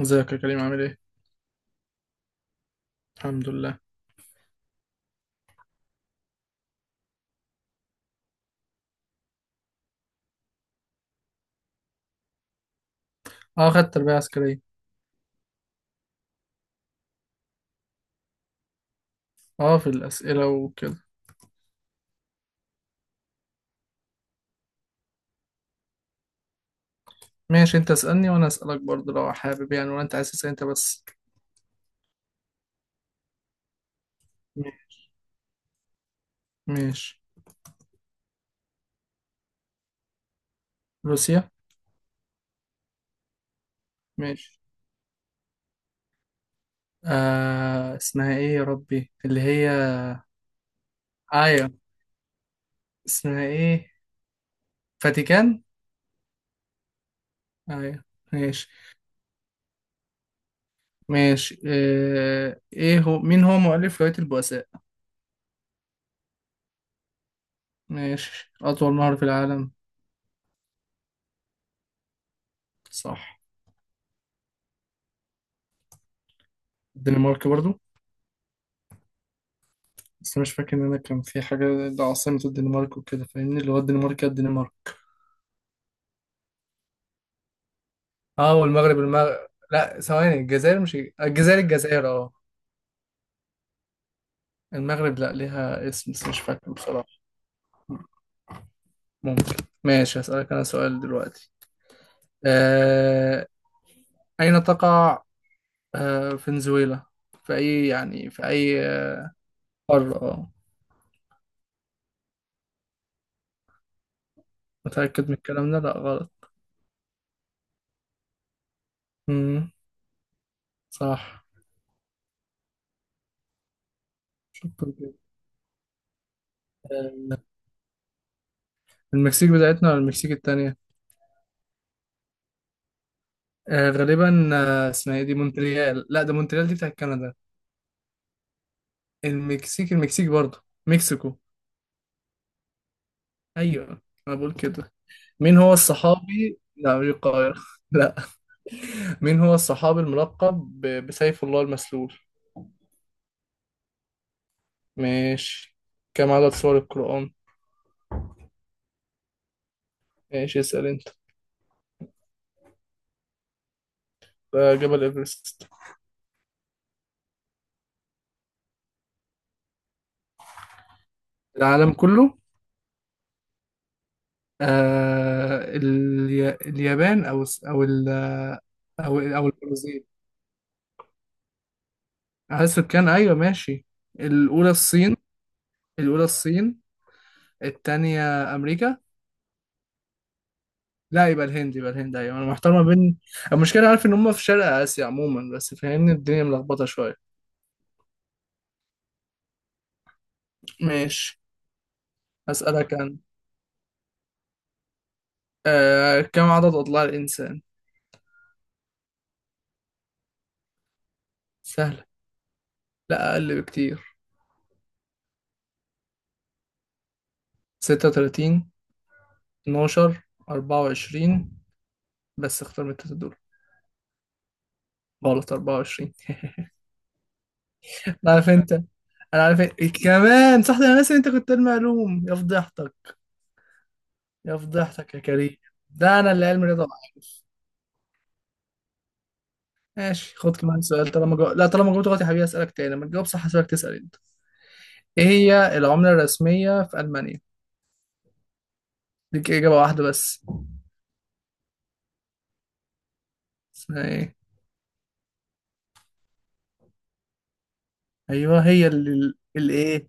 ازيك يا كريم، عامل ايه؟ الحمد لله. اه، خدت تربية عسكرية. اه، في الأسئلة وكده. ماشي، انت اسألني وانا اسألك برضه لو حابب يعني، ولا انت عايز تسأل انت بس؟ ماشي. روسيا. ماشي. اسمها ايه يا ربي اللي هي؟ ايوه. اسمها ايه؟ فاتيكان. ايوه. ماشي. ماشي. ايه هو مين هو مؤلف رواية البؤساء؟ ماشي. أطول نهر في العالم. صح. الدنمارك برضو. بس مش فاكر ان انا كان في حاجه، ده عاصمه الدنمارك وكده فاهمني، اللي هو الدنمارك يا الدنمارك. اه، والمغرب المغرب. لا، ثواني، الجزائر مش الجزائر الجزائر، اه. المغرب لا، ليها اسم بس مش فاكره بصراحه. ممكن. ماشي، هسألك أنا سؤال دلوقتي. آه، أين تقع فنزويلا؟ في أي قارة؟ اه. متأكد من الكلام ده؟ لا، غلط. امم. صح. طب كده. آه، المكسيك بتاعتنا ولا المكسيك التانية؟ غالبا. اسمها ايه دي؟ مونتريال. لا، ده مونتريال دي بتاعت كندا. المكسيك المكسيك برضه مكسيكو. ايوه. انا بقول كده. مين هو الصحابي؟ لا، مش القاهرة، لا. مين هو الصحابي الملقب بسيف الله المسلول؟ ماشي. كم عدد سور القرآن؟ ماشي، اسأل انت. جبل ايفرست. العالم كله. اليابان، او البرازيل. عدد سكان، ايوه، ماشي. الاولى الصين. الاولى الصين، التانية أمريكا. لا، يبقى الهند، يبقى الهند، أيوة أنا محتار ما بين. المشكلة عارف إن هم في شرق آسيا عموما، بس فاهمني الدنيا ملخبطة شوية. ماشي. أسألك أنا. كم عدد أضلاع الإنسان؟ سهلة. لا، أقل بكتير. ستة وتلاتين. اتناشر. أربعة وعشرين. بس اختار من التلاتة دول. غلط، أربعة وعشرين. أنا عارف أنت. أنا عارف إنت. كمان صح، ده أنا ناسي إن أنت كنت علمي علوم، يا فضيحتك. يا فضيحتك يا كريم. ده أنا اللي علمي رياضة وعارف. ماشي، خد كمان سؤال. لا، طالما جاوبت غلط يا حبيبي، اسالك تاني، لما تجاوب صح هسيبك تسال انت. ايه هي العمله الرسميه في المانيا؟ ليك اجابه واحده بس. اسمها ايه؟ ايوه، هي اللي الايه.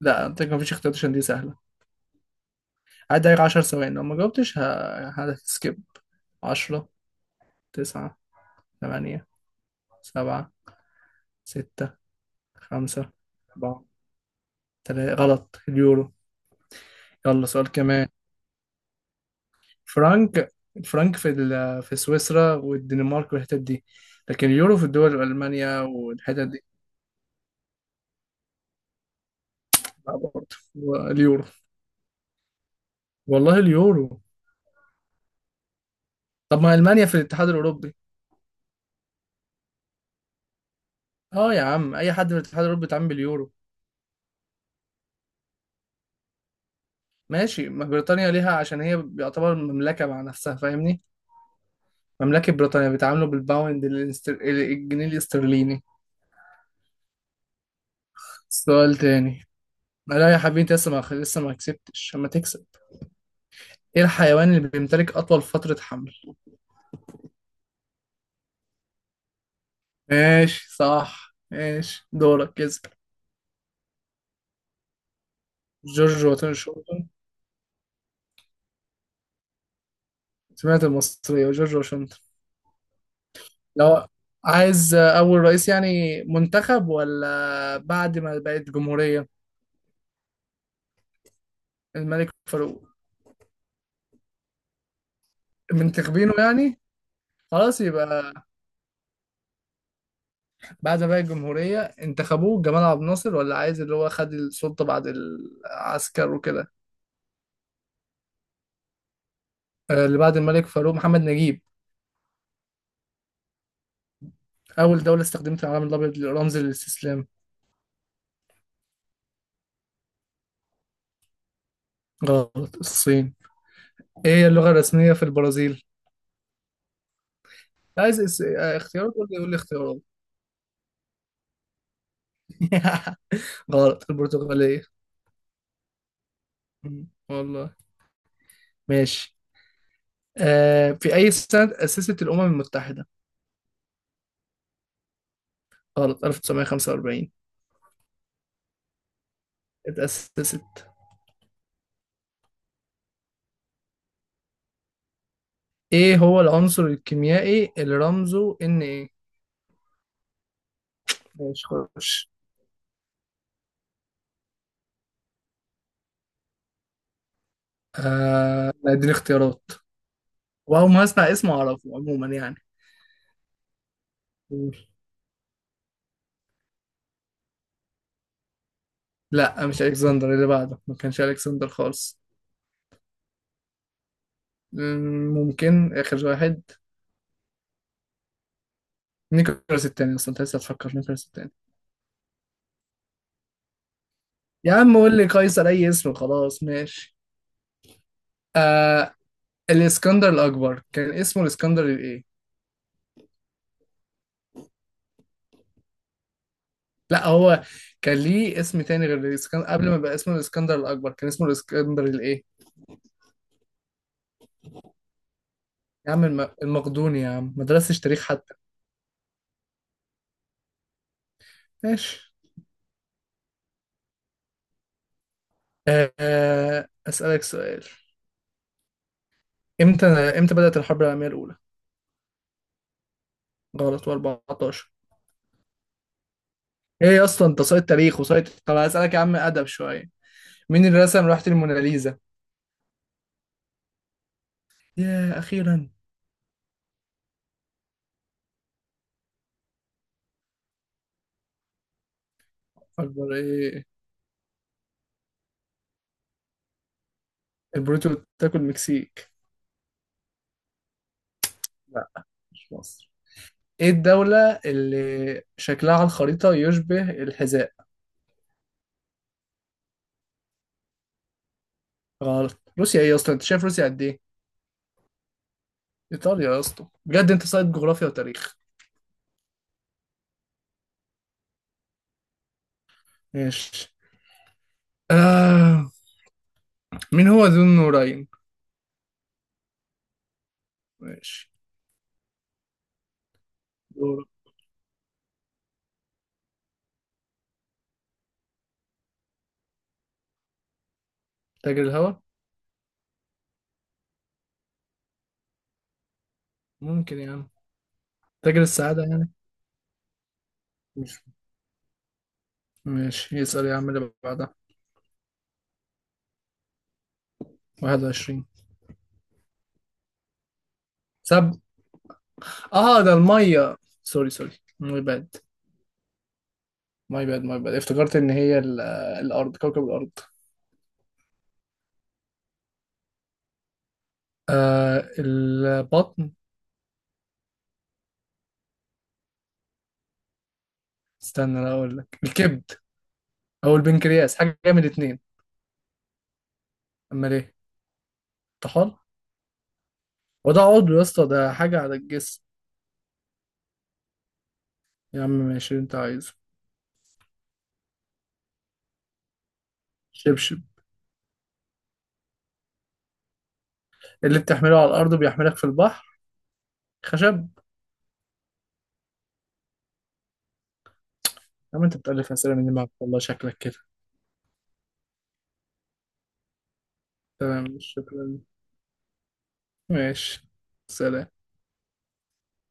لا، انت ما فيش اختيارات عشان دي سهله. عدى عليك 10 ثواني، لو ما جاوبتش هتسكيب. 10، 9، 8، 7، 6، 5، 4، 3، غلط. اليورو. يلا، سؤال كمان. الفرنك في سويسرا والدنمارك والحتت دي. لكن اليورو في الدول المانيا والحتت دي. لا، برضه اليورو. والله اليورو. طب ما المانيا في الاتحاد الاوروبي. اه يا عم، اي حد في الاتحاد الاوروبي بيتعامل باليورو. ماشي، ما بريطانيا ليها عشان هي بيعتبر مملكه مع نفسها فاهمني. مملكه بريطانيا بيتعاملوا بالباوند الجنيه الاسترليني. سؤال تاني. لا يا حبيبي، انت لسه ما كسبتش اما تكسب. ايه الحيوان اللي بيمتلك اطول فتره حمل؟ ماشي، صح، ماشي دورك، اسأل. جورج واشنطن. سمعت المصرية. جورج واشنطن. لو عايز أول رئيس يعني منتخب ولا بعد ما بقت جمهورية؟ الملك فاروق. منتخبينه يعني؟ خلاص، يبقى بعد ما بقت جمهورية انتخبوه جمال عبد الناصر، ولا عايز اللي هو خد السلطة بعد العسكر وكده؟ اللي بعد الملك فاروق محمد نجيب. أول دولة استخدمت العلم الأبيض لرمز الاستسلام. غلط، الصين. إيه هي اللغة الرسمية في البرازيل؟ عايز اختيارات؟ قول لي اختيارات. غلط، البرتغالية. مم. والله. ماشي. في أي سنة تأسست الأمم المتحدة؟ غلط، 1945. اتأسست. إيه هو العنصر الكيميائي اللي رمزه إن؟ إيه؟ ماشي، خش. لا، اديني اختيارات. وأول ما أسمع اسمه أعرفه عموما يعني. قول. لا، مش ألكسندر، اللي بعده ما كانش ألكسندر خالص. ممكن آخر واحد. نيكولاس التاني؟ أصلا أنت لسه هتفكر نيكولاس التاني. يا عم قول لي قيصر اي اسم خلاص، ماشي. آه الاسكندر الاكبر كان اسمه الاسكندر الايه؟ لا، هو كان ليه اسم تاني غير الاسكندر قبل ما بقى اسمه الاسكندر الاكبر. كان اسمه الاسكندر الايه؟ يا عم المقدوني يا عم، ما درستش تاريخ حتى. ماشي. اسالك سؤال. امتى بدأت الحرب العالميه الاولى؟ غلط، و14. ايه يا اسطى، انت سايت تاريخ وسايت؟ طب اسالك يا عم، ادب شويه. مين اللي رسم لوحه الموناليزا؟ يا اخيرا. اكبر ايه؟ البروتو بتاكل مكسيك. لا، مش مصر. ايه الدولة اللي شكلها على الخريطة يشبه الحذاء؟ غلط، روسيا. ايه يا اسطى، انت شايف روسيا قد ايه؟ ايطاليا يا اسطى، بجد انت صايد جغرافيا وتاريخ. ماشي. آه. مين هو ذو النورين؟ ماشي، دور. تاجر الهوا. ممكن يا عم. تاجر السعادة يعني، مش. ماشي، يسأل يا عم اللي بعدها. 21. سب اه، ده المية. سوري، سوري. ماي باد. ماي باد، ماي باد، افتكرت ان هي الارض، كوكب الارض. البطن. استنى انا اقول لك، الكبد او البنكرياس، حاجه من الاثنين. امال ايه؟ طحال. وده عضو يا اسطى؟ ده حاجه على الجسم. يا عم ماشي اللي انت عايزه. شبشب. اللي بتحمله على الارض بيحملك في البحر. خشب. يا عم انت بتألف اسئله من دماغك، والله شكلك كده. تمام، شكرا. ماشي. سلام.